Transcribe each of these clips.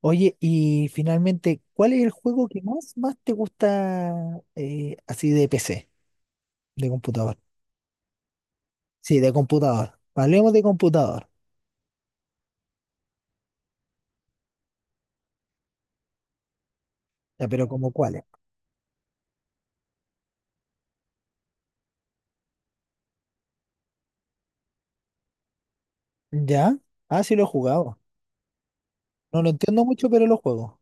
Oye, y finalmente, ¿cuál es el juego que más te gusta así de PC, de computador? Sí, de computador. Hablemos de computador. Ya, pero ¿como cuáles? ¿Ya? Ah, sí lo he jugado. No lo entiendo mucho, pero lo juego.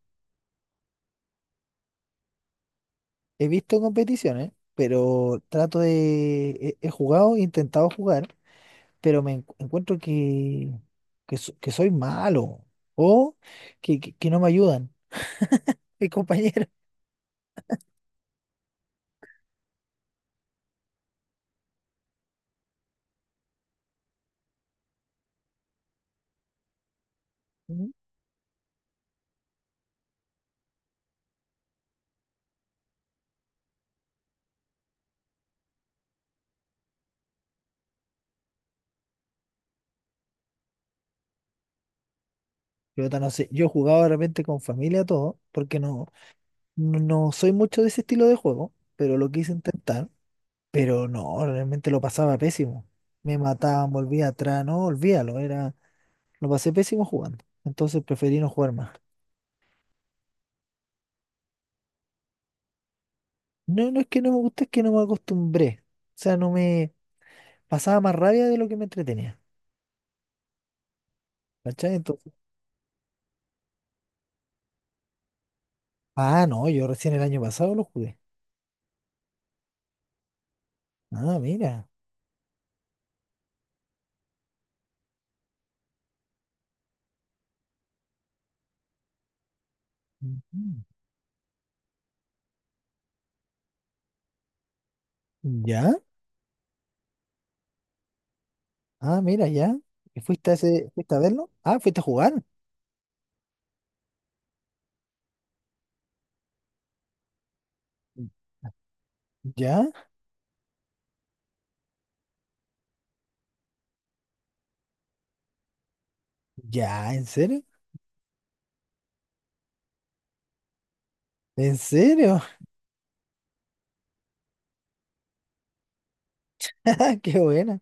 He visto competiciones, pero trato de... He jugado, he intentado jugar, pero encuentro que soy malo o que no me ayudan mis compañeros. Yo no sé, yo jugaba de repente con familia todo, porque no soy mucho de ese estilo de juego, pero lo quise intentar, pero no, realmente lo pasaba pésimo. Me mataban, volvía atrás, no, olvídalo, era, lo pasé pésimo jugando. Entonces preferí no jugar más. No, no es que no me guste, es que no me acostumbré. O sea, no me pasaba más rabia de lo que me entretenía. ¿Cachai? Entonces, ah, no, yo recién el año pasado lo jugué. Ah, mira. Ujú. ¿Ya? Ah, mira, ya. ¿Y fuiste a ese, fuiste a verlo? Ah, fuiste a jugar. ¿Ya? ¿Ya? ¿En serio? ¿En serio? ¡Qué buena!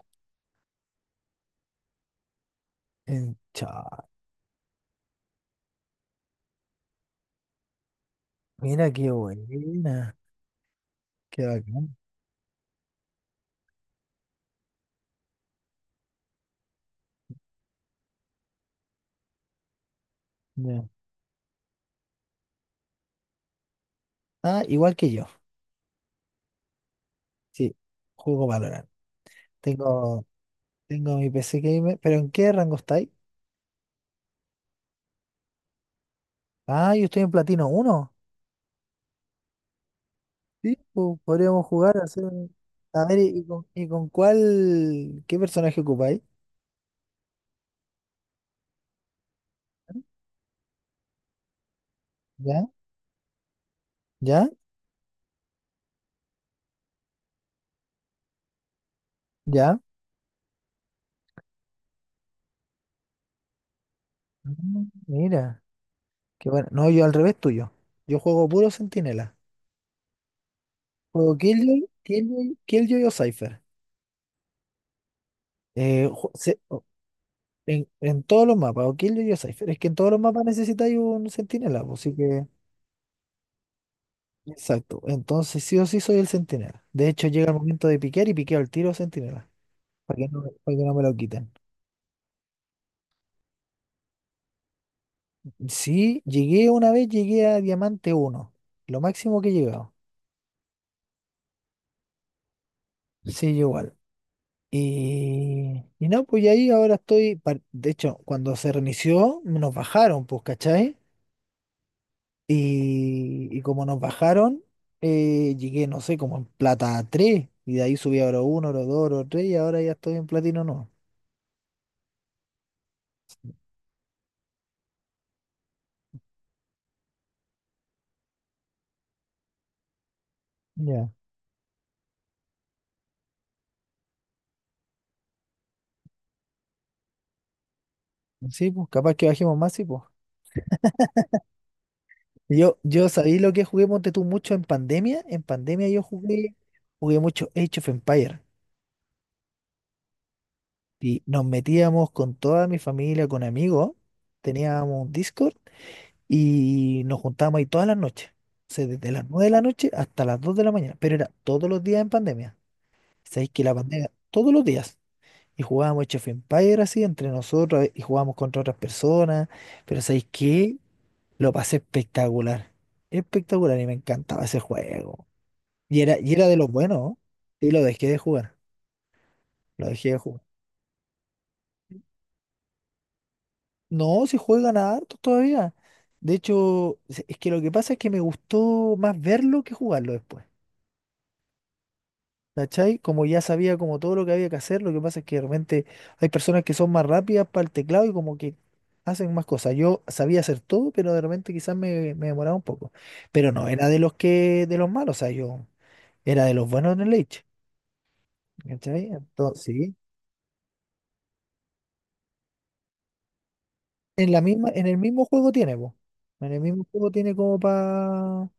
Cha, mira, qué buena. Qué bacán. Ya. Ah, igual que yo. Sí, juego Valorant. Tengo, tengo mi PC Gamer. ¿Pero en qué rango estáis? Ah, yo estoy en Platino uno. Sí, podríamos jugar, hacer. A ver, ¿Qué personaje ocupáis? ¿Ya? ¿Ya? ¿Ya? Mira, qué bueno. No, yo al revés tuyo. Yo juego puro centinela. Juego Killjoy, Killjoy, Killjoy o Cypher. Eh, ju- se- o- en todos los mapas, o Killjoy o Cypher. Es que en todos los mapas necesitáis un centinela, pues, así que. Exacto. Entonces, sí o sí soy el centinela. De hecho, llega el momento de piquear y piqueo el tiro centinela. Para que no me lo quiten. Sí, llegué una vez, llegué a Diamante uno. Lo máximo que he llegado. Sí, yo igual. Y no, pues y ahí ahora estoy. De hecho, cuando se reinició, nos bajaron, pues, ¿cachai? Y como nos bajaron, llegué, no sé, como en plata tres. Y de ahí subí a oro uno, oro dos, oro 3 y ahora ya estoy en platino no. Ya. Sí, pues capaz que bajemos más, sí, pues. Yo sabí lo que jugué, ponte tú, mucho en pandemia. En pandemia yo jugué mucho Age of Empire. Y nos metíamos con toda mi familia, con amigos. Teníamos un Discord y nos juntábamos ahí todas las noches. O sea, desde las 9 de la noche hasta las 2 de la mañana. Pero era todos los días en pandemia. Sabéis que la pandemia, todos los días, y jugábamos Age of Empires así entre nosotros y jugábamos contra otras personas, pero sabéis que lo pasé espectacular, espectacular y me encantaba ese juego. Y era de los buenos, ¿no? Y lo dejé de jugar. No, si juegan harto todavía. De hecho, es que lo que pasa es que me gustó más verlo que jugarlo después. ¿Cachai? Como ya sabía como todo lo que había que hacer, lo que pasa es que de repente hay personas que son más rápidas para el teclado y como que hacen más cosas. Yo sabía hacer todo, pero de repente quizás me demoraba un poco. Pero no, era de los que, de los malos, o sea, yo era de los buenos en el Age. ¿Cachai? Entonces, sí, en el mismo juego tiene, po. En el mismo juego tiene como para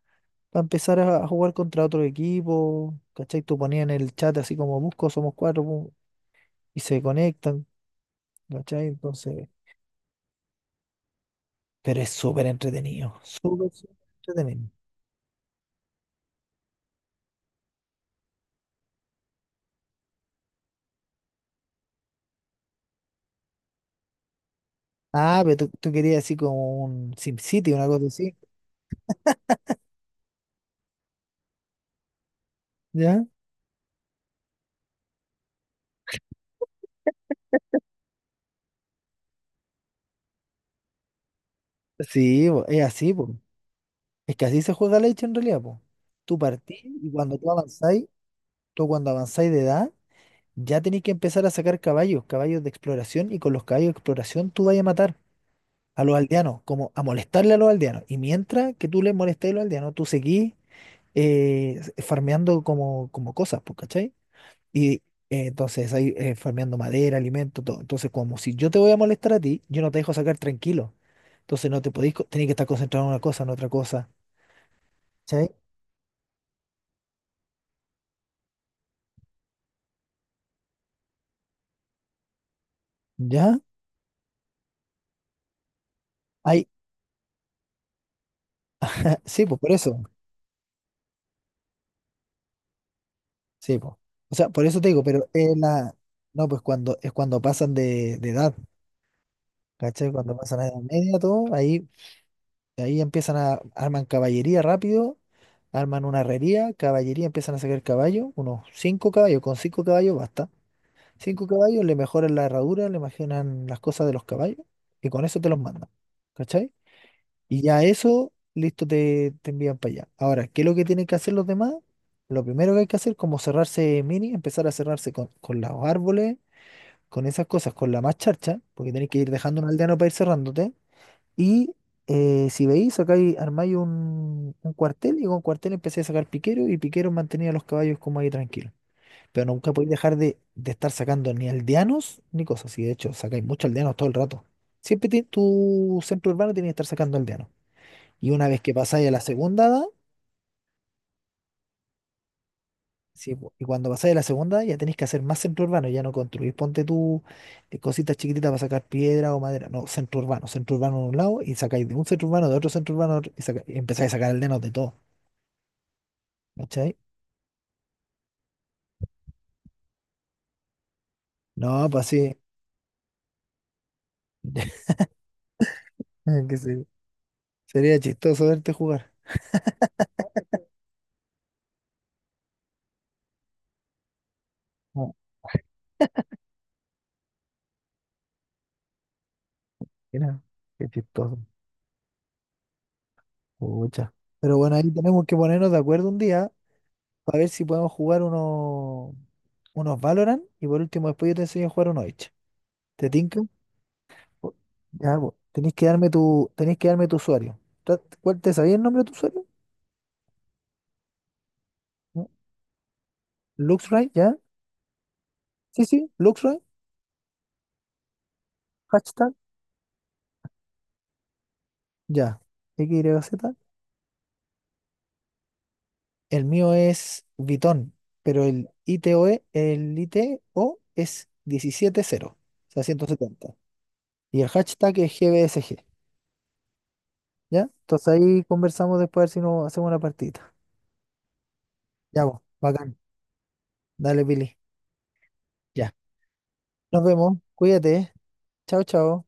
empezar a jugar contra otro equipo. ¿Cachai? Tú ponías en el chat así como busco, somos cuatro, pum, y se conectan. ¿Cachai? Entonces. Pero es súper entretenido, súper, súper entretenido. Ah, pero tú querías así como un SimCity, una cosa así, ¿ya? Sí, po, es así, po. Es que así se juega la hecha en realidad, po. Tú partís y cuando tú avanzáis, tú cuando avanzáis de edad, ya tenéis que empezar a sacar caballos, caballos de exploración, y con los caballos de exploración tú vas a matar a los aldeanos, como a molestarle a los aldeanos. Y mientras que tú les molestes a los aldeanos, tú seguís farmeando como cosas, pues, ¿cachai? Y entonces ahí farmeando madera, alimento, todo. Entonces, como si yo te voy a molestar a ti, yo no te dejo sacar tranquilo. Entonces no te podéis, co- tenés que estar concentrado en una cosa, en otra cosa. ¿Cachai? ¿Ya? Ahí, ah, sí, pues por eso. Sí, pues. O sea, por eso te digo, pero es la. No, pues cuando pasan de edad, ¿cachai? Cuando pasan a edad media, todo, ahí empiezan a arman caballería rápido, arman una herrería, caballería, empiezan a sacar caballos, unos cinco caballos, con cinco caballos basta. Cinco caballos, le mejoran la herradura, le mejoran las cosas de los caballos y con eso te los mandan. ¿Cachai? Y ya eso, listo, te envían para allá. Ahora, ¿qué es lo que tienen que hacer los demás? Lo primero que hay que hacer, como cerrarse mini, empezar a cerrarse con los árboles, con esas cosas, con la más charcha, porque tenés que ir dejando un aldeano para ir cerrándote. Y si veis, acá hay, armáis un cuartel y con cuartel empecé a sacar piqueros y piqueros mantenía los caballos como ahí tranquilos. Pero nunca podéis dejar de estar sacando ni aldeanos ni cosas así. De hecho, sacáis muchos aldeanos todo el rato. Siempre tu centro urbano tiene que estar sacando aldeanos. Y una vez que pasáis a la segunda edad, sí, po, y cuando pasáis a la segunda edad, ya tenéis que hacer más centro urbano. Ya no construís, ponte tú cositas chiquititas para sacar piedra o madera. No, centro urbano. Centro urbano de un lado y sacáis de un centro urbano, de otro centro urbano, de otro, y empezáis a sacar aldeanos de todo. ¿Cachai? No, pues sí. que se- Sería chistoso verte jugar. No, mira, qué chistoso. Pucha. Pero bueno, ahí tenemos que ponernos de acuerdo un día para ver si podemos jugar unos Valorant y por último después yo te enseño a jugar uno Oich. ¿Te tinca? Po- Ya, po. Tenés que darme tu usuario. ¿Cuál te sabía el nombre de tu usuario? ¿No? Luxray, ya. Sí, sí, Luxray, hashtag, ya. XYZ. El mío es Vitón, pero el ITO E el ITO es 17 cero, o sea, 170. Y el hashtag es GBSG. ¿Ya? Entonces ahí conversamos después a ver si nos hacemos una partida. Ya, vos, bacán. Dale, Billy. Ya. Nos vemos. Cuídate. Chao, chao.